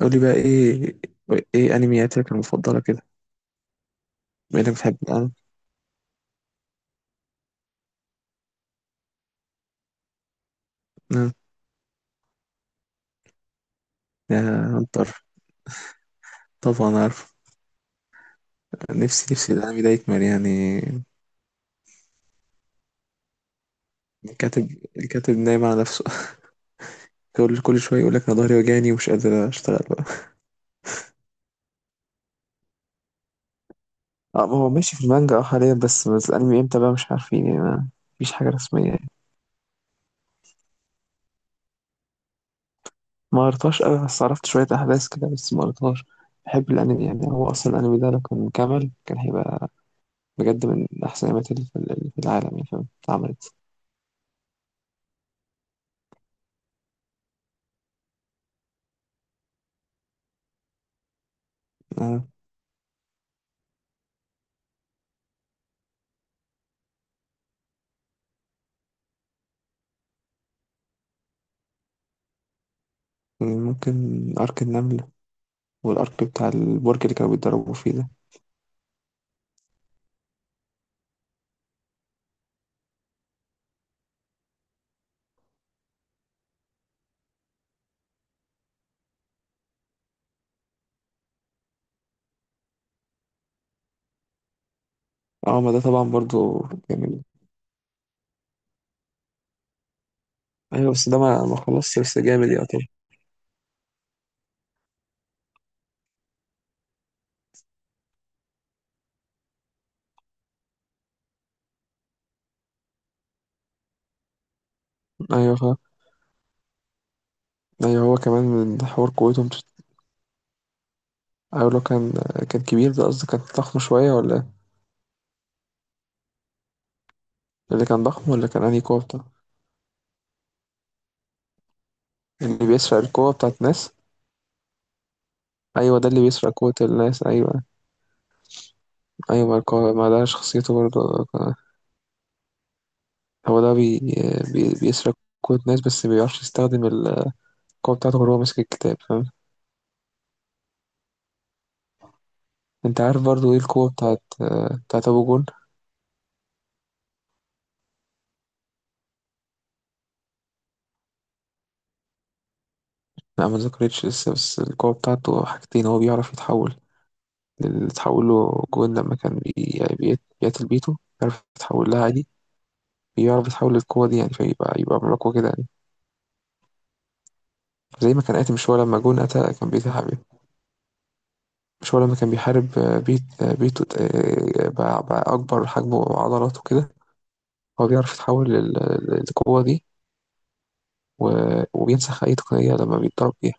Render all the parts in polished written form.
قولي بقى ايه انمياتك المفضلة كده؟ بما انك بتحب الانمي. نعم. يا هنتر، طبعا عارف. نفسي الانمي ده يكمل يعني. الكاتب نايم على نفسه. كل شوية يقول لك انا ظهري وجعني ومش قادر اشتغل بقى. اه، ما هو ماشي في المانجا اه حاليا، بس الانمي امتى بقى مش عارفين يعني، ما فيش حاجة رسمية يعني. ما قريتهاش قوي، بس عرفت شوية احداث كده، بس ما قريتهاش. بحب الانمي يعني، هو اصلا الانمي ده لو كان كمل كان هيبقى بجد من احسن الانميات اللي في العالم يعني، فاهم اتعملت. آه. ممكن أرك النملة والأرك بتاع البرج اللي كانوا بيتدربوا فيه ده. اه، ما ده طبعا برضو جامد. أيوة بس ده ما خلصش، بس جامد يا طبعا. أيوة أيوة هو كمان من حوار قوته مش. أيوة لو كان كبير، ده قصدي كان ضخم شوية، ولا إيه؟ اللي كان ضخم، ولا كان أنهي قوة بتاعه. اللي بيسرق القوة بتاعت الناس. أيوة ده اللي بيسرق قوة الناس، أيوة. أيوة ما ده شخصيته برضو. هو ده بيسرق قوة الناس، بس مبيعرفش يستخدم القوة بتاعته غير هو ماسك الكتاب، فاهم. انت عارف برضو ايه القوة بتاعت ابو جون. لا ما ذكرتش لسه، بس القوة بتاعته حاجتين. هو بيعرف يتحول. اللي اتحول له جون لما كان بيقتل بيته، بيعرف يتحول لها عادي. بيعرف يتحول للقوة دي يعني، فيبقى يبقى ملاكوة كده يعني. زي ما كان قاتل، مش هو لما جون قتل كان بيتحارب، مش هو لما كان بيحارب، بيته. بقى أكبر حجمه وعضلاته كده. هو بيعرف يتحول للقوة دي. وبينسخ أي تقنية لما بيتضرب بيها.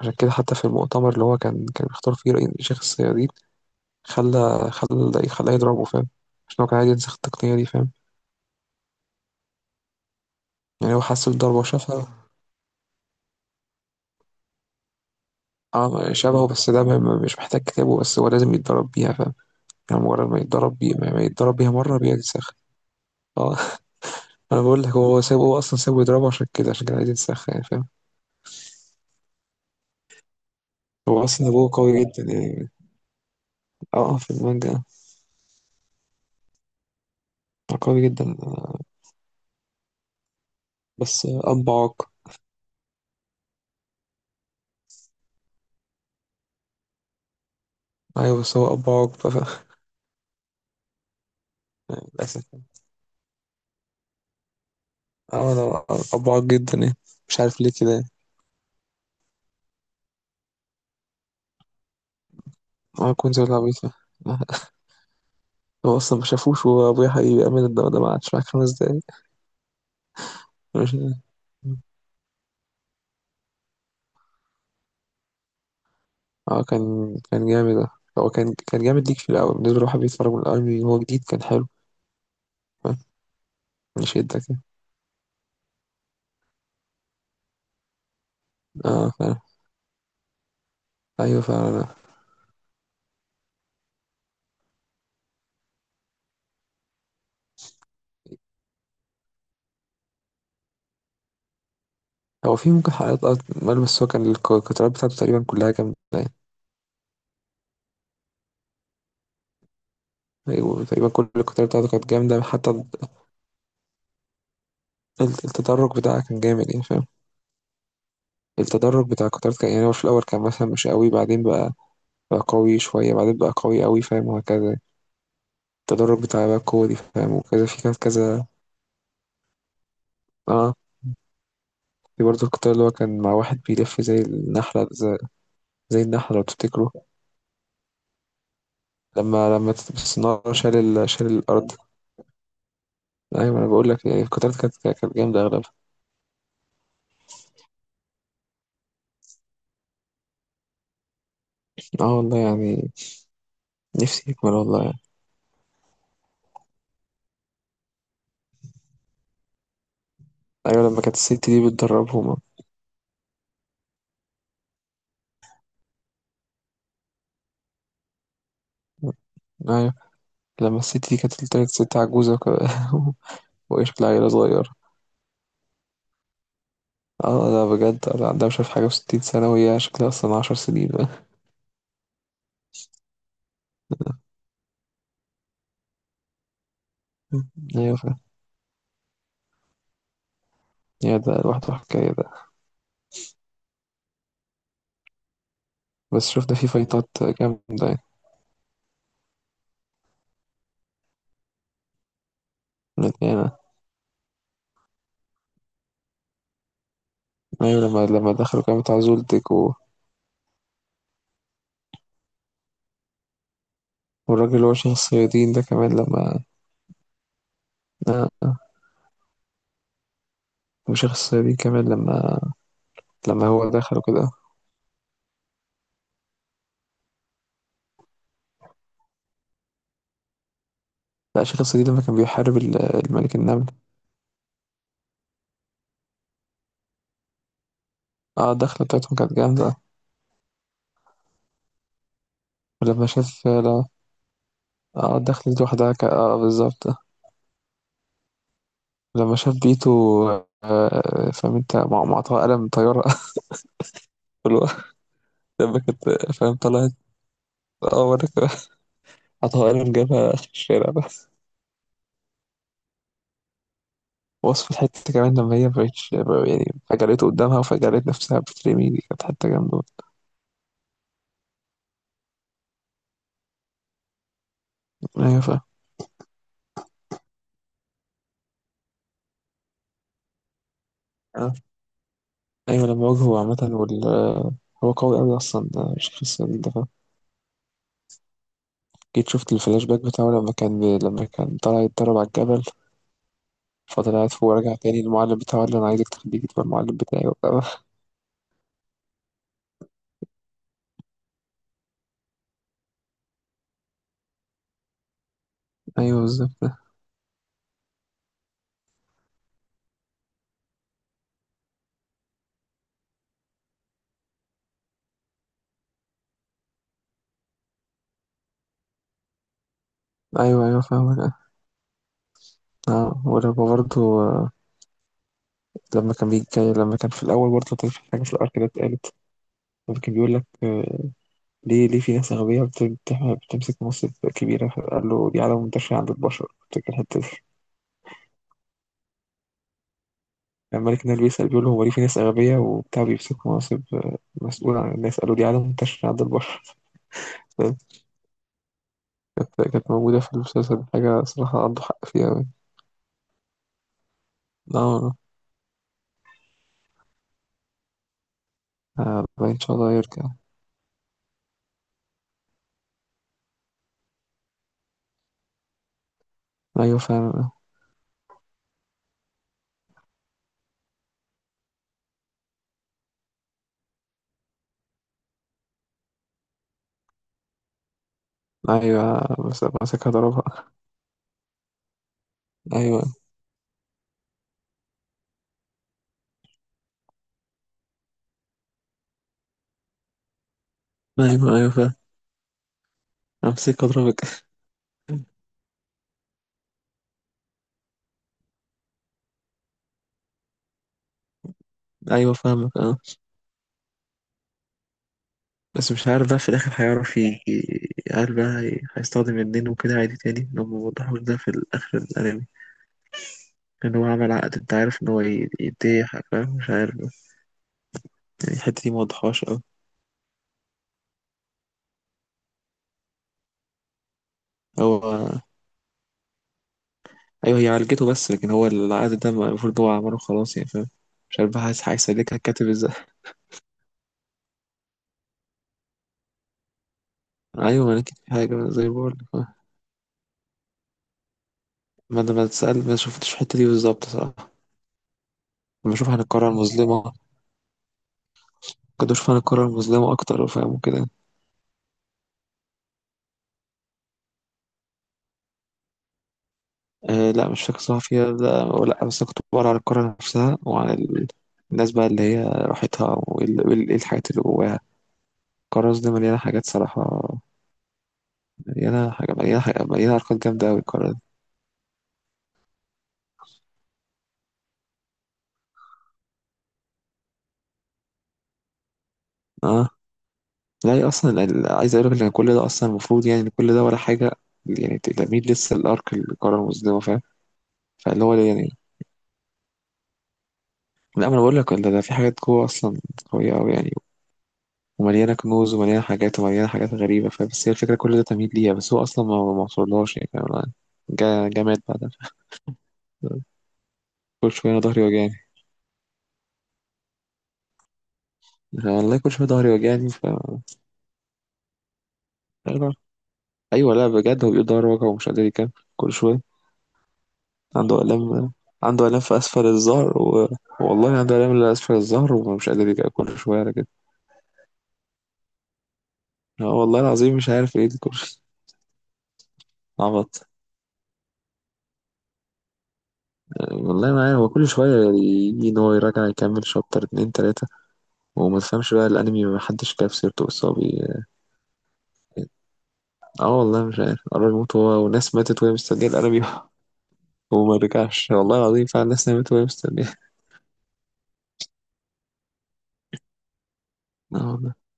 عشان كده، حتى في المؤتمر اللي هو كان بيختار فيه رئيس شيخ الصيادين، خلى خلى خلاه يضربه، فاهم. عشان هو كان عايز ينسخ التقنية دي، فاهم. يعني هو حس بالضربة وشافها. اه شبهه، بس ده مش محتاج كتابه، بس هو لازم يتدرب بيها فاهم. يعني مجرد ما يتدرب بيها، ما يتدرب بيها مرة بينسخ. اه. انا بقول لك، هو سابه. هو اصلا سابه يضربه عشان كده، عشان كان عايز ينسخ يعني، فاهم. هو اصلا ابوه قوي جدا يعني. اه، في المانجا. قوي جدا. بس اب عاق. ايوه بس هو اب عاق للاسف. اه. انا ابعد جدا يعني، مش عارف ليه كده يعني. انا كنت ولا عبيط يعني. هو اصلا ما شافوش. وابويا حبيبي امين ده ما قعدش معاك 5 دقايق. مش- اه، كان جامد ده. هو كان جامد ليك في الاول، بالنسبه لواحد بيتفرج من الاول، من هو جديد كان حلو، فاهم. يشدك يعني. اه فعلا. ايوه فعلا. هو في ممكن حلقات اه مال، بس هو كان القطارات بتاعته تقريبا كلها جامده يعني. ايوه تقريبا كل القطارات بتاعته كانت جامده، حتى التدرج بتاعها كان جامد يعني، فاهم. التدرج بتاع القطارات كان يعني هو في الاول كان مثلا مش قوي، بعدين بقى قوي شوية، بعدين بقى قوي قوي، فاهم، وهكذا يعني. التدرج بتاع بقى كودي فاهم، وكذا في كان كذا. اه في برضه القطار اللي هو كان مع واحد بيلف زي النحلة، زي النحلة لو تفتكروا. لما الصنارة شال الأرض. أيوة أنا بقول لك يعني القطارات كانت جامدة أغلبها. اه والله يعني. نفسي يكمل والله يعني. أيوة لما كانت الست دي بتدربهم. أيوة لما الست دي كانت طلعت ست عجوزة وهي شكلها عيلة صغيرة. اه لا بجد، لا عندها مش عارف حاجة وستين سنة، وهي شكلها أصلا 10 سنين. ايوه فاهم. يعني ده لوحده حكاية ده. بس شوف ده فيه فايتات جامدة. يعني ايوه. لما دخلوا كانوا بتاع زولتك و... والراجل اللي هو شيخ الصيادين ده كمان لما. آه، آه. وشيخ الصيادين كمان لما هو دخل وكده. لا شيخ الصيادين لما كان بيحارب الملك النمل. اه الدخلة بتاعتهم كانت جامدة. ولما شاف لا. اه الدخلة دي لوحدها اه بالظبط. لما شاف بيتو، آه فاهم انت، معطاه قلم طيارة. اللي هو لما كانت فاهم طلعت. اه، وريك حطها قلم، جابها آخر الشارع بس. وصف الحتة كمان لما هي مبقتش يعني. فجرته قدامها وفجرت نفسها، بترمي دي، كانت حتة جامدة. أيوة فاهم. آه. أيوة لما واجهه عامة هو قوي أوي أصلا، ده الشخص ده، فاهم. جيت شفت الفلاش باك بتاعه، لما كان طالع يتدرب على الجبل، فضل قاعد فوق ورجع تاني. المعلم بتاعه قال له أنا عايزك تخليك تبقى المعلم بتاعي. وبتاع. أيوة بالظبط. أيوة أيوة فاهمك اه. ولما برضه لما كان بيجي، لما كان في الأول برضه كان في حاجة في الأرك ده اتقالت. لما كان بيقول لك ليه في ناس أغبياء بتمسك مناصب كبيرة، فقال له دي عادة منتشرة عند البشر، افتكر الحتة دي. لما الملك نال بيسأل، بيقول له هو ليه في ناس أغبياء وبتاع بيمسكوا مناصب، مسؤول عن الناس، قالوا دي عادة منتشرة عند البشر. فاهم؟ كانت موجودة في المسلسل حاجة صراحة، عنده حق فيها أوي. لا، لا إن شاء الله يرجع. أيوة فعلا. أيوه مسكها ضربها. أيوه أيوه أيوه فاهم. أمسكها أضربك. أيوه فاهمك أه. بس مش عارف بقى في الآخر هيعرف هل بقى هيستخدم النين وكده عادي تاني، لما وضحوا ده في الآخر الأنمي. لأن هو عمل عقد، أنت عارف إن هو يديه حاجة، فاهم، مش عارف بقى. يعني الحتة دي موضحهاش أوي. هو. أيوه هي عالجته، بس لكن هو العقد ده المفروض هو عمله خلاص يعني، فاهم. مش عارف بقى هيسلكها الكاتب ازاي. أيوه ما أنا كده، في حاجة زي ما بقولك آه. ما أنا، ما تسأل، ما شفتش الحتة دي بالظبط صراحة. لما أشوف عن القارة المظلمة. كنت أشوف عن القارة المظلمة أكتر فاهم وكده. آه لا مش فاكر صراحة، فيها لا ولا، بس أنا كنت بقرا على القارة نفسها وعلى الناس بقى اللي هي راحتها، إيه الحاجات اللي جواها. القارة دي مليانة حاجات صراحة. مليانة حركات جامدة أوي القارة دي. اه لا، هي أصلا عايز أقول لك إن كل ده أصلا المفروض يعني، إن كل ده ولا حاجة يعني. تلاميذ لسه الأرك القارة المظلمة فاهم. فاللي هو ده يعني. لا ما أنا بقول لك، ده في حاجات جوه أصلا قوية أوي يعني. ومليانة كنوز، ومليانة حاجات، ومليانة حاجات غريبة، فبس هي الفكرة كل ده تمهيد ليها، بس هو أصلا ما وصلهاش يعني، فاهم أنا. جا مات بعدها. كل شوية أنا ظهري وجعني، والله كل شوية ظهري وجعني ف. أيوة لا بجد، هو بيقول ظهره وجعه ومش قادر يكمل كل شوية. عنده آلام، عنده آلام في أسفل الظهر و... والله عنده آلام اللي أسفل الظهر، ومش قادر يكمل كل شوية على كده. والله العظيم مش عارف إيه دي، كل عبط. والله ما عارف، هو كل شوية يجي إن هو يراجع يكمل شابتر اتنين تلاتة، وما تفهمش بقى الانمي، ما حدش جاب سيرته اصابي. اه والله، مش عارف قرب يموت هو، وناس ماتت وهي مستنيه الانمي. وما رجعش، والله العظيم فعلا ناس ماتت وهي مستنيه. اه والله.